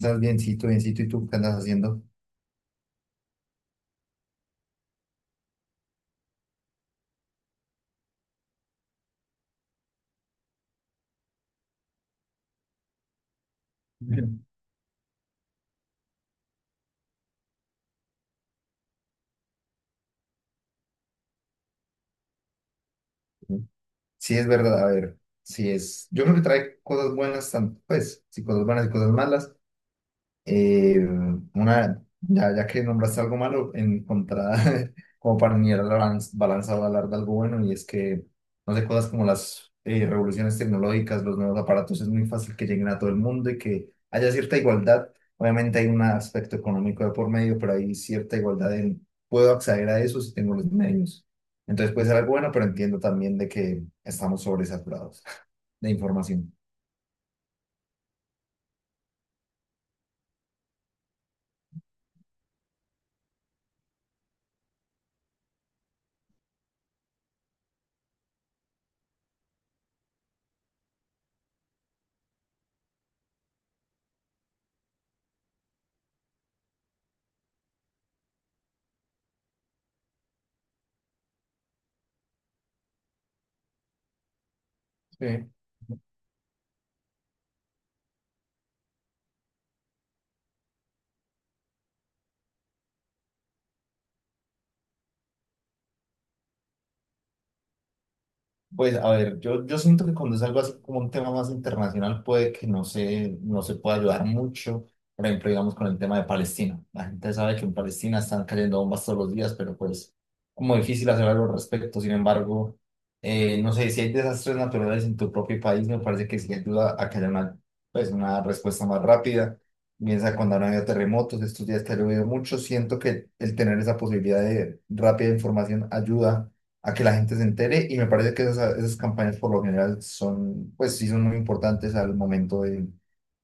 Estás biencito, biencito, ¿y tú qué andas haciendo? Bien. Sí, es verdad, a ver, sí es. Yo creo que trae cosas buenas, pues, sí, cosas buenas y cosas malas. Eh, una, ya que nombraste algo malo, encontrar como para unir la balanza o hablar de algo bueno, y es que no sé, cosas como las revoluciones tecnológicas, los nuevos aparatos, es muy fácil que lleguen a todo el mundo y que haya cierta igualdad. Obviamente hay un aspecto económico de por medio, pero hay cierta igualdad en, puedo acceder a eso si tengo los medios. Entonces puede ser algo bueno, pero entiendo también de que estamos sobresaturados de información. Sí. Pues a ver, yo siento que cuando es algo así como un tema más internacional puede que no se pueda ayudar mucho. Por ejemplo, digamos con el tema de Palestina. La gente sabe que en Palestina están cayendo bombas todos los días, pero pues como difícil hacer algo al respecto. Sin embargo, no sé, si hay desastres naturales en tu propio país, me parece que sí ayuda a que haya una, pues, una respuesta más rápida. Piensa cuando han habido terremotos, estos días que ha llovido mucho, siento que el tener esa posibilidad de rápida información ayuda a que la gente se entere y me parece que esas campañas por lo general son, pues sí, son muy importantes al momento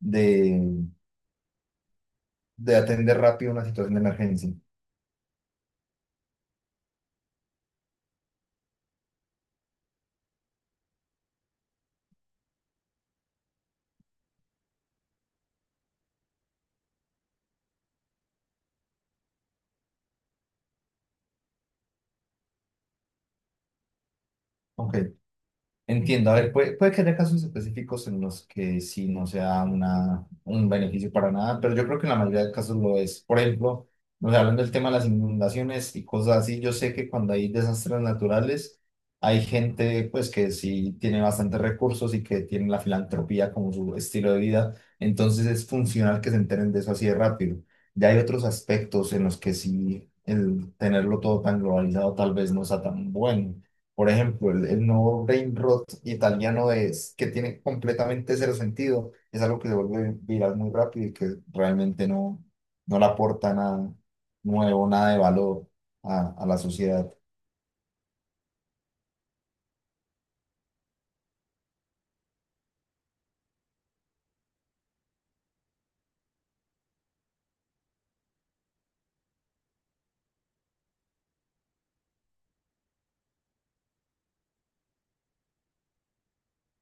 de, de atender rápido una situación de emergencia. Ok. Entiendo, a ver, puede que haya casos específicos en los que sí no sea una, un beneficio para nada, pero yo creo que en la mayoría de casos lo es. Por ejemplo, nos hablando del tema de las inundaciones y cosas así, yo sé que cuando hay desastres naturales, hay gente pues que sí tiene bastantes recursos y que tiene la filantropía como su estilo de vida, entonces es funcional que se enteren de eso así de rápido. Ya hay otros aspectos en los que sí el tenerlo todo tan globalizado tal vez no sea tan bueno. Por ejemplo, el nuevo brain rot italiano es que tiene completamente cero sentido. Es algo que se vuelve viral muy rápido y que realmente no le aporta nada nuevo, nada de valor a la sociedad.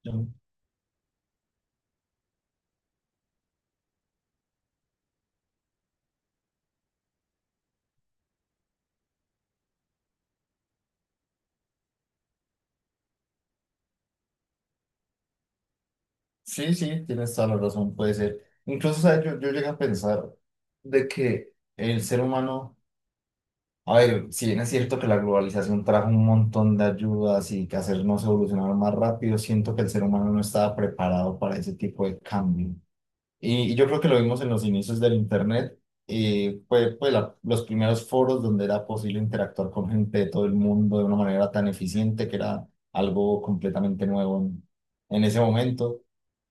Mm. Sí, sí, tienes toda la razón, puede ser. Incluso, ¿sabes? Yo llegué a pensar de que el ser humano, a ver, si bien es cierto que la globalización trajo un montón de ayudas y que hacernos evolucionar más rápido, siento que el ser humano no estaba preparado para ese tipo de cambio. Y yo creo que lo vimos en los inicios del Internet. Fue pues, los primeros foros donde era posible interactuar con gente de todo el mundo de una manera tan eficiente que era algo completamente nuevo en ese momento.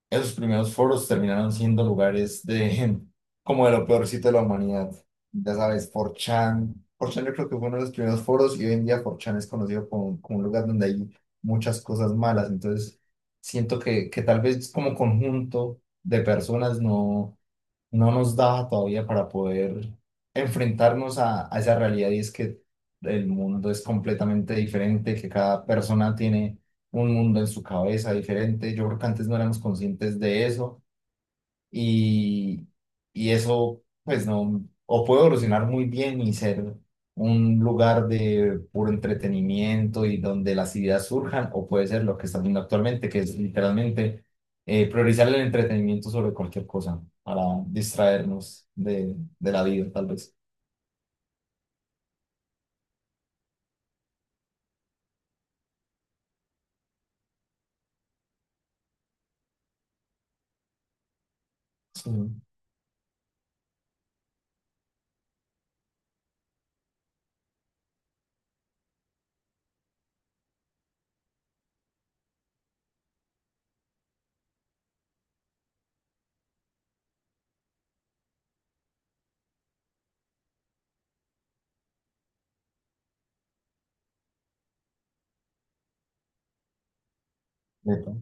Esos primeros foros terminaron siendo lugares de como de lo peorcito de la humanidad. Ya sabes, 4chan. 4chan yo creo que fue uno de los primeros foros y hoy en día 4chan es conocido como un lugar donde hay muchas cosas malas. Entonces, siento que tal vez como conjunto de personas no nos da todavía para poder enfrentarnos a esa realidad y es que el mundo es completamente diferente, que cada persona tiene un mundo en su cabeza diferente. Yo creo que antes no éramos conscientes de eso y, y eso, pues no, o puede evolucionar muy bien y ser un lugar de puro entretenimiento y donde las ideas surjan, o puede ser lo que está viendo actualmente, que es literalmente priorizar el entretenimiento sobre cualquier cosa para distraernos de la vida, tal vez. Sí. Neta.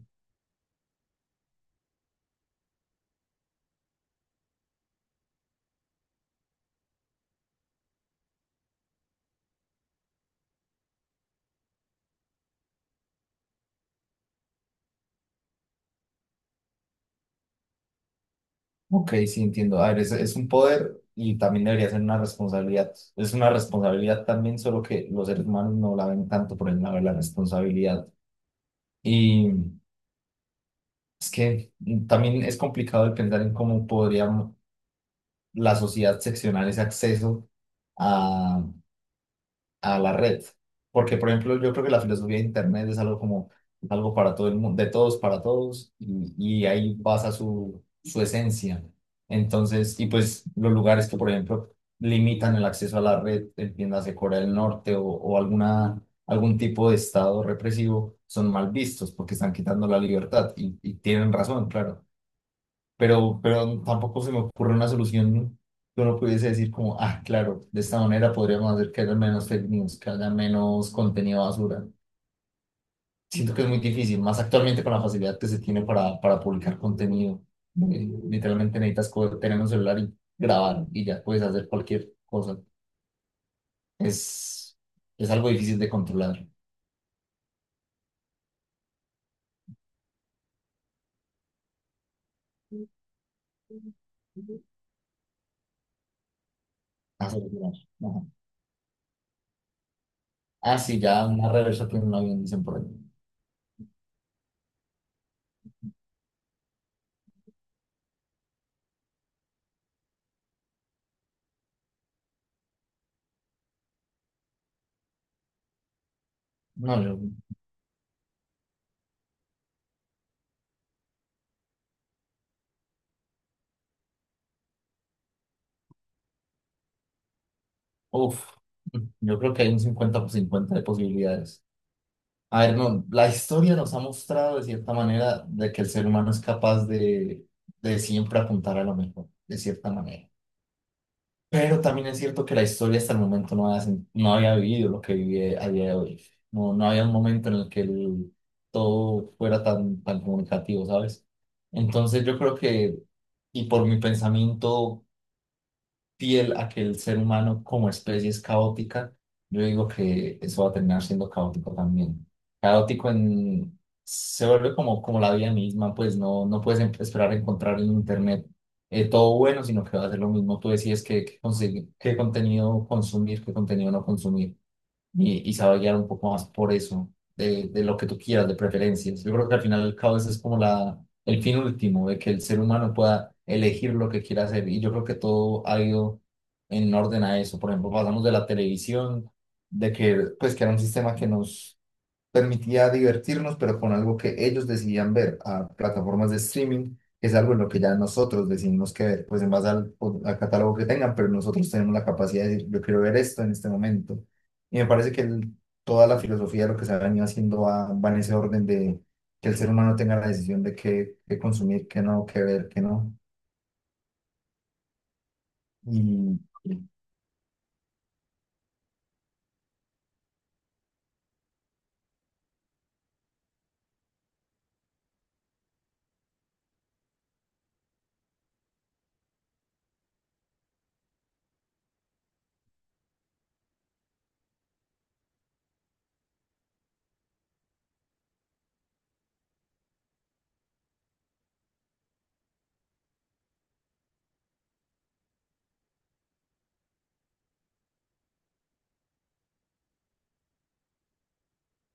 Ok, sí, entiendo. A ver, es un poder y también debería ser una responsabilidad. Es una responsabilidad también, solo que los seres humanos no la ven tanto por el lado de la responsabilidad. Y es que también es complicado de pensar en cómo podría la sociedad seccionar ese acceso a, a la red. Porque, por ejemplo, yo creo que la filosofía de Internet es algo como algo para todo el mundo, de todos para todos, y ahí basa su esencia. Entonces, y pues los lugares que, por ejemplo, limitan el acceso a la red, entiéndase Corea del Norte o alguna, algún tipo de estado represivo, son mal vistos porque están quitando la libertad y tienen razón, claro, pero tampoco se me ocurre una solución que uno pudiese decir como, ah, claro, de esta manera podríamos hacer que haya menos fake news, que haya menos contenido basura. Siento que es muy difícil, más actualmente con la facilidad que se tiene para publicar contenido. Literalmente necesitas tener un celular y grabar y ya puedes hacer cualquier cosa. Es, es algo difícil de controlar. Hacer, ajá. Ah, sí, ya una reversa tiene un avión, dicen por ahí. No, yo Uf, yo creo que hay un 50/50 de posibilidades. A ver, no, la historia nos ha mostrado de cierta manera de que el ser humano es capaz de siempre apuntar a lo mejor, de cierta manera. Pero también es cierto que la historia hasta el momento no había, no había vivido lo que vive a día de hoy. No, no había un momento en el que todo fuera tan, tan comunicativo, ¿sabes? Entonces yo creo que, y por mi pensamiento fiel a que el ser humano como especie es caótica, yo digo que eso va a terminar siendo caótico también. Caótico en... se vuelve como la vida misma, pues no, no puedes esperar encontrar en internet todo bueno, sino que va a ser lo mismo. Tú decides qué contenido consumir, qué contenido no consumir y sabe guiar un poco más por eso, de lo que tú quieras, de preferencias. Yo creo que al final el caos es como la, el fin último, de que el ser humano pueda elegir lo que quiera hacer. Y yo creo que todo ha ido en orden a eso. Por ejemplo, pasamos de la televisión, de que, pues, que era un sistema que nos permitía divertirnos, pero con algo que ellos decidían ver a plataformas de streaming, que es algo en lo que ya nosotros decidimos que ver, pues en base al catálogo que tengan, pero nosotros tenemos la capacidad de decir, yo quiero ver esto en este momento. Y me parece que toda la filosofía de lo que se ha venido haciendo va en ese orden de que el ser humano tenga la decisión de qué, qué consumir, qué no, qué ver, qué no. Y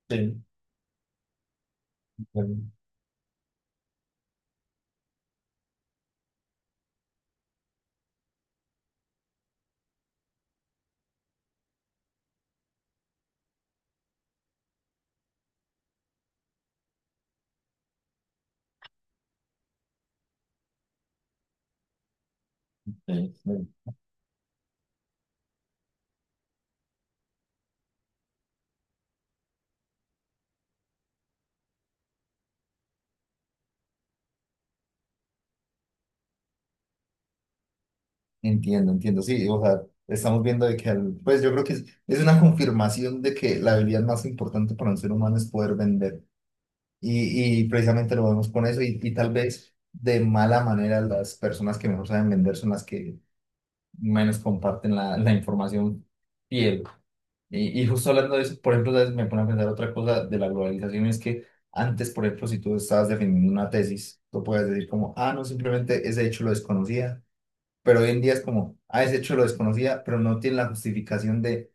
Sí, sí, sí. Entiendo, entiendo, sí, o sea, estamos viendo de que, pues yo creo que es una confirmación de que la habilidad más importante para un ser humano es poder vender y precisamente lo vemos con eso y tal vez de mala manera las personas que mejor saben vender son las que menos comparten la información fiel. Y justo hablando de eso, por ejemplo, ¿sabes? Me pone a pensar otra cosa de la globalización, es que antes, por ejemplo, si tú estabas defendiendo una tesis, tú puedes decir como, ah, no, simplemente ese hecho lo desconocía, pero hoy en día es como, ah, ese hecho lo desconocía, pero no tiene la justificación de,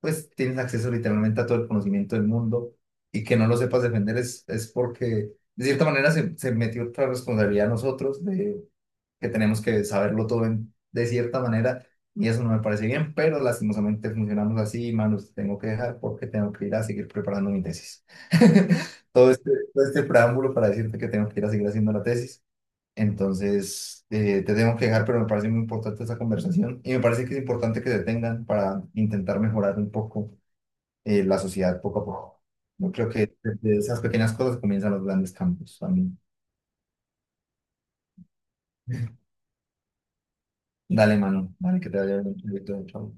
pues tienes acceso literalmente a todo el conocimiento del mundo y que no lo sepas defender es porque de cierta manera se metió otra responsabilidad a nosotros de que tenemos que saberlo todo de cierta manera y eso no me parece bien, pero lastimosamente funcionamos así, manos, tengo que dejar porque tengo que ir a seguir preparando mi tesis. Todo este preámbulo para decirte que tengo que ir a seguir haciendo la tesis. Entonces, te tengo que dejar, pero me parece muy importante esta conversación y me parece que es importante que se tengan para intentar mejorar un poco la sociedad poco a poco. Yo creo que de esas pequeñas cosas comienzan los grandes cambios también. Dale, mano, dale, que te vaya bien. Chao.